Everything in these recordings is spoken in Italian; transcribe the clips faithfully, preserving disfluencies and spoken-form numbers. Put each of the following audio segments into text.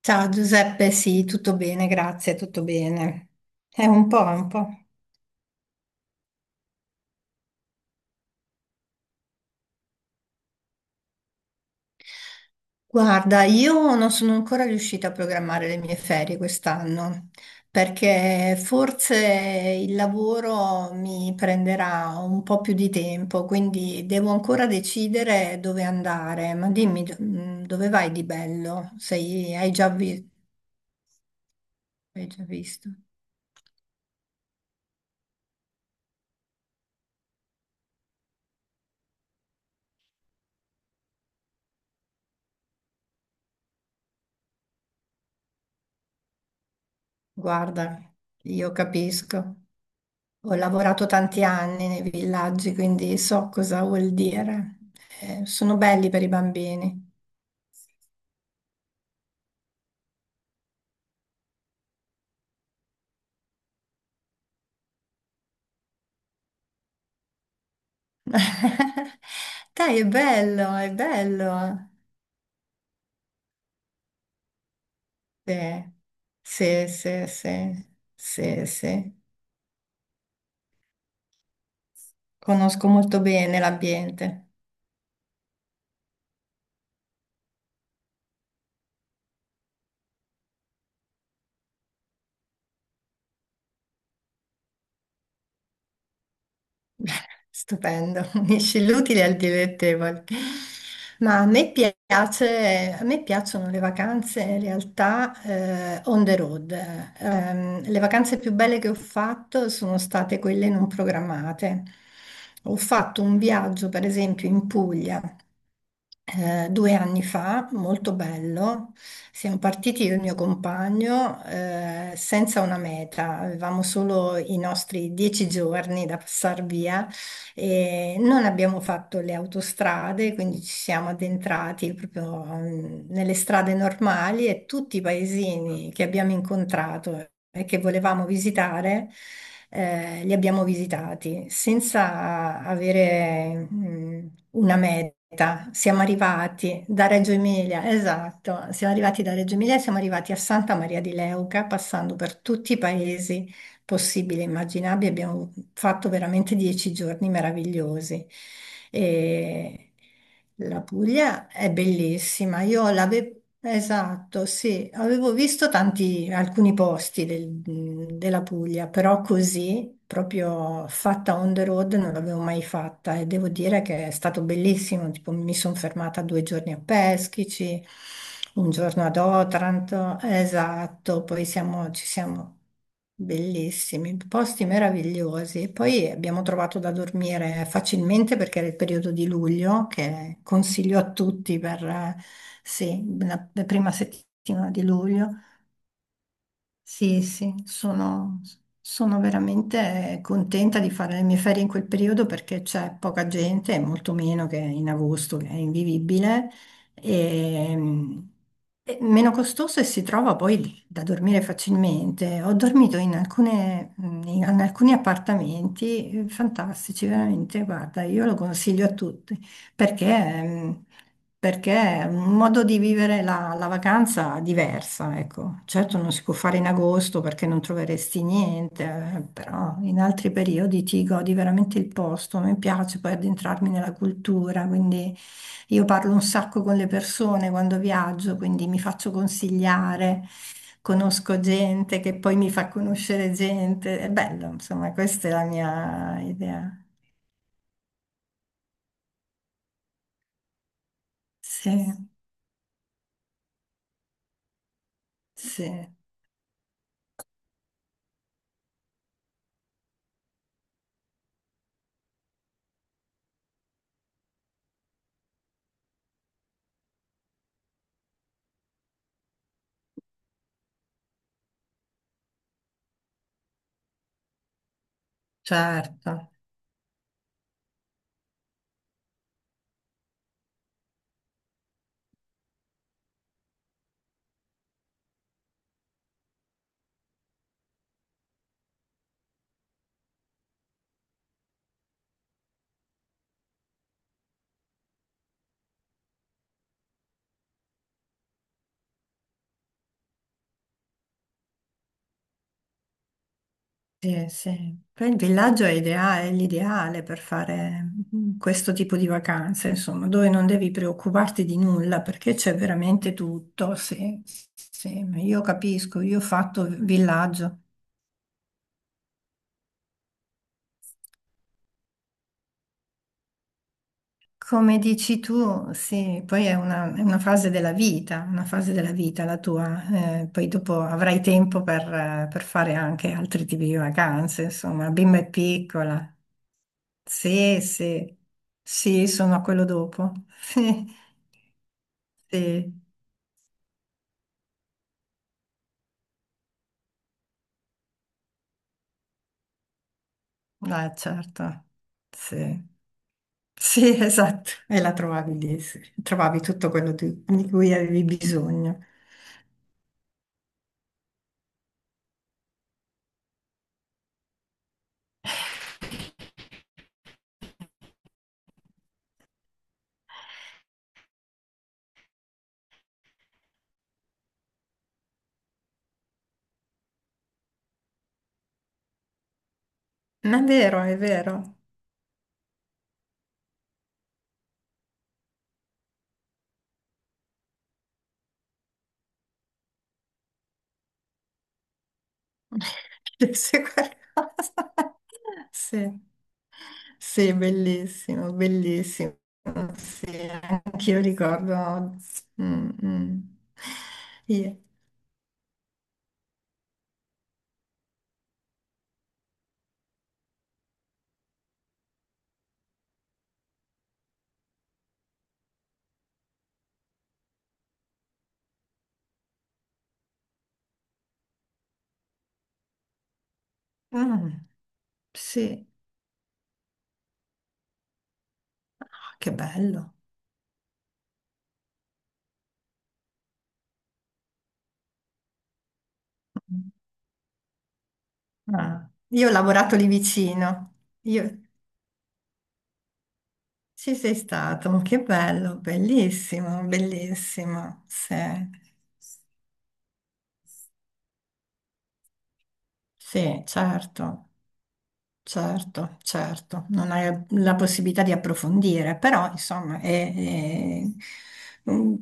Ciao Giuseppe, sì, tutto bene, grazie, tutto bene. È un po', è un po'. Guarda, io non sono ancora riuscita a programmare le mie ferie quest'anno, perché forse il lavoro mi prenderà un po' più di tempo, quindi devo ancora decidere dove andare. Ma dimmi, do- mh, dove vai di bello? Sei, hai già vi- Hai già visto? Guarda, io capisco. Ho lavorato tanti anni nei villaggi, quindi so cosa vuol dire. Eh, sono belli per i bambini. Dai, è bello, è bello. Sì, sì, sì, sì, sì. Sì. Conosco molto bene l'ambiente. Stupendo, unisci l'utile al dilettevole. Ma a me piace, a me piacciono le vacanze in realtà eh, on the road. Ehm, le vacanze più belle che ho fatto sono state quelle non programmate. Ho fatto un viaggio, per esempio, in Puglia eh, due anni fa, molto bello. Siamo partiti io e il mio compagno eh, senza una meta, avevamo solo i nostri dieci giorni da passare via e non abbiamo fatto le autostrade, quindi ci siamo addentrati proprio mm, nelle strade normali e tutti i paesini che abbiamo incontrato e che volevamo visitare, eh, li abbiamo visitati senza avere, mm, una meta. Siamo arrivati da Reggio Emilia, esatto, siamo arrivati da Reggio Emilia, e siamo arrivati a Santa Maria di Leuca, passando per tutti i paesi possibile, immaginabile. Abbiamo fatto veramente dieci giorni meravigliosi. E la Puglia è bellissima. Io l'avevo, esatto, sì, avevo visto tanti, alcuni posti del- della Puglia, però così. Proprio fatta on the road non l'avevo mai fatta e devo dire che è stato bellissimo. Tipo, mi sono fermata due giorni a Peschici, un giorno ad Otranto, esatto, poi siamo, ci siamo. Bellissimi, posti meravigliosi. E poi abbiamo trovato da dormire facilmente perché era il periodo di luglio, che consiglio a tutti per, eh, sì, la la prima settimana di luglio. Sì, sì, sono, sono veramente contenta di fare le mie ferie in quel periodo perché c'è poca gente, e molto meno che in agosto, che è invivibile, e, e meno costoso e si trova poi da dormire facilmente. Ho dormito in alcune- mm, in alcuni appartamenti eh, fantastici, veramente, guarda, io lo consiglio a tutti. Perché, mh, perché è un modo di vivere la, la vacanza diversa, ecco. Certo non si può fare in agosto perché non troveresti niente, eh, però in altri periodi ti godi veramente il posto, mi piace poi addentrarmi nella cultura, quindi io parlo un sacco con le persone quando viaggio, quindi mi faccio consigliare, conosco gente che poi mi fa conoscere gente, è bello, insomma, questa è la mia idea. Sì, sì. Certo, sì, sì. Poi il villaggio è ideale- è l'ideale per fare mm, questo tipo di vacanze, insomma, dove non devi preoccuparti di nulla perché c'è veramente tutto. Sì, sì, sì. io capisco, io ho fatto villaggio. Come dici tu, sì, poi è una, è una fase della vita, una fase della vita la tua, eh, poi dopo avrai tempo per, eh, per fare anche altri tipi di vacanze, insomma, la bimba è piccola. Sì, sì, sì, sono a quello dopo. Sì, sì, ah, certo, sì. Sì, esatto, e la trovavi lì, sì. Trovavi tutto quello di, di cui avevi bisogno. Ma È vero, è vero. Sì, qualcosa. Sì, sì, bellissimo, bellissimo. Sì, anch'io ricordo. Mm, mm. Io- mm, sì, Oh, che bello. Mm. Ah, Io ho lavorato lì vicino. Io... Ci sei stato, che bello, bellissimo, bellissimo. Sì. Sì, certo, certo, certo, non hai la possibilità di approfondire, però insomma, è- è- mm,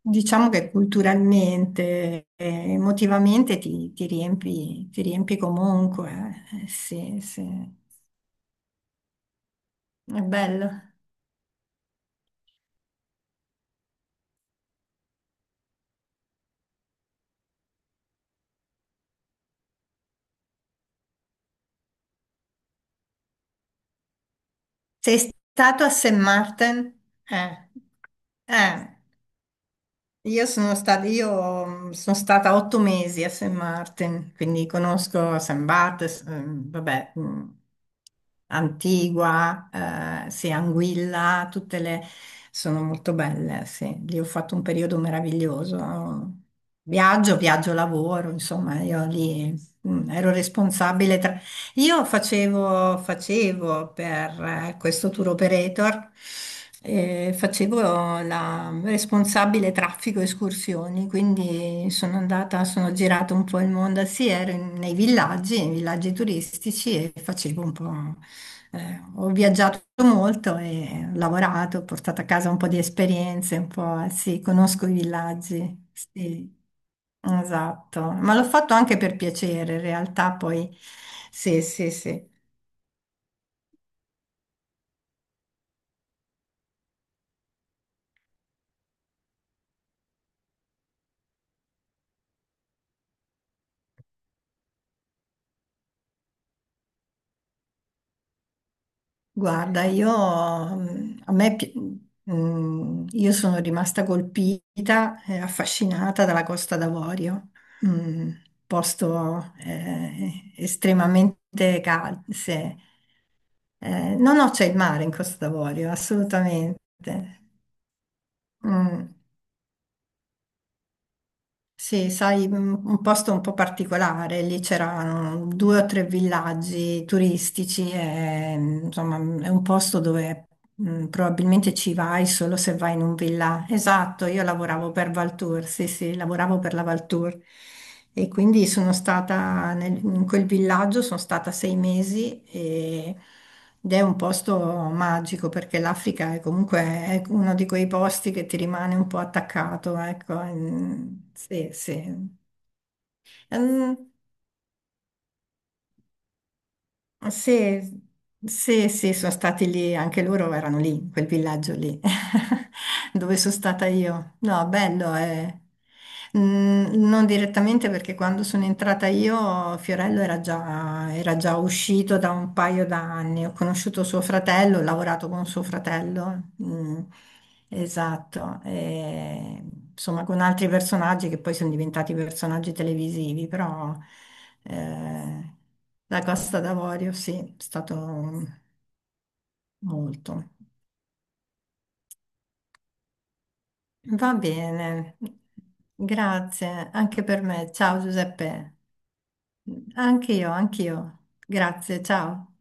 diciamo che culturalmente, eh, emotivamente ti, ti riempi, ti riempi comunque, eh, sì, sì, è bello. Sei stato a saint Martin? Eh, eh. Io sono stata, io mm, sono stata otto mesi a saint Martin, quindi conosco san Barts, mm, vabbè, mm, Antigua, eh, sì, Anguilla, tutte le... sono molto belle, sì. Lì ho fatto un periodo meraviglioso. Viaggio, viaggio, lavoro, insomma, io lì mm, ero responsabile. tra- io facevo, facevo per eh, questo tour operator, eh, facevo la responsabile traffico escursioni, quindi sono andata, sono girata un po' il mondo, sì, ero in- nei villaggi, nei villaggi turistici e facevo un po', eh, ho viaggiato molto e ho lavorato, ho portato a casa un po' di esperienze, un po', sì, conosco i villaggi, sì. Esatto, ma l'ho fatto anche per piacere, in realtà poi sì, sì, sì. Guarda, io, mm, a me, pi- mm, io sono rimasta colpita e affascinata dalla Costa d'Avorio, un posto eh, estremamente caldo. No, no, c'è il mare in Costa d'Avorio, assolutamente. Mm. Sì, sai, un un posto un po' particolare, lì c'erano due o tre villaggi turistici e insomma è un posto dove mh, probabilmente ci vai solo se vai in un villaggio. Esatto, io lavoravo per Valtour, sì, sì, lavoravo per la Valtour e quindi sono stata nel- in quel villaggio, sono stata sei mesi e- ed è un posto magico perché l'Africa è comunque è uno di quei posti che ti rimane un po' attaccato, ecco. Mm, Sì, sì. Mm, Sì, sì, sì, sono stati lì, anche loro erano lì, in quel villaggio lì, dove sono stata io. No, bello, eh. Mm, non direttamente perché quando sono entrata io Fiorello era già, era già uscito da un paio d'anni, ho conosciuto suo fratello, ho lavorato con suo fratello, mm, esatto, e, insomma con altri personaggi che poi sono diventati personaggi televisivi, però... eh, la Costa d'Avorio, sì, è stato molto. Va bene, grazie anche per me. Ciao Giuseppe. Anche io, anche io. Grazie, ciao.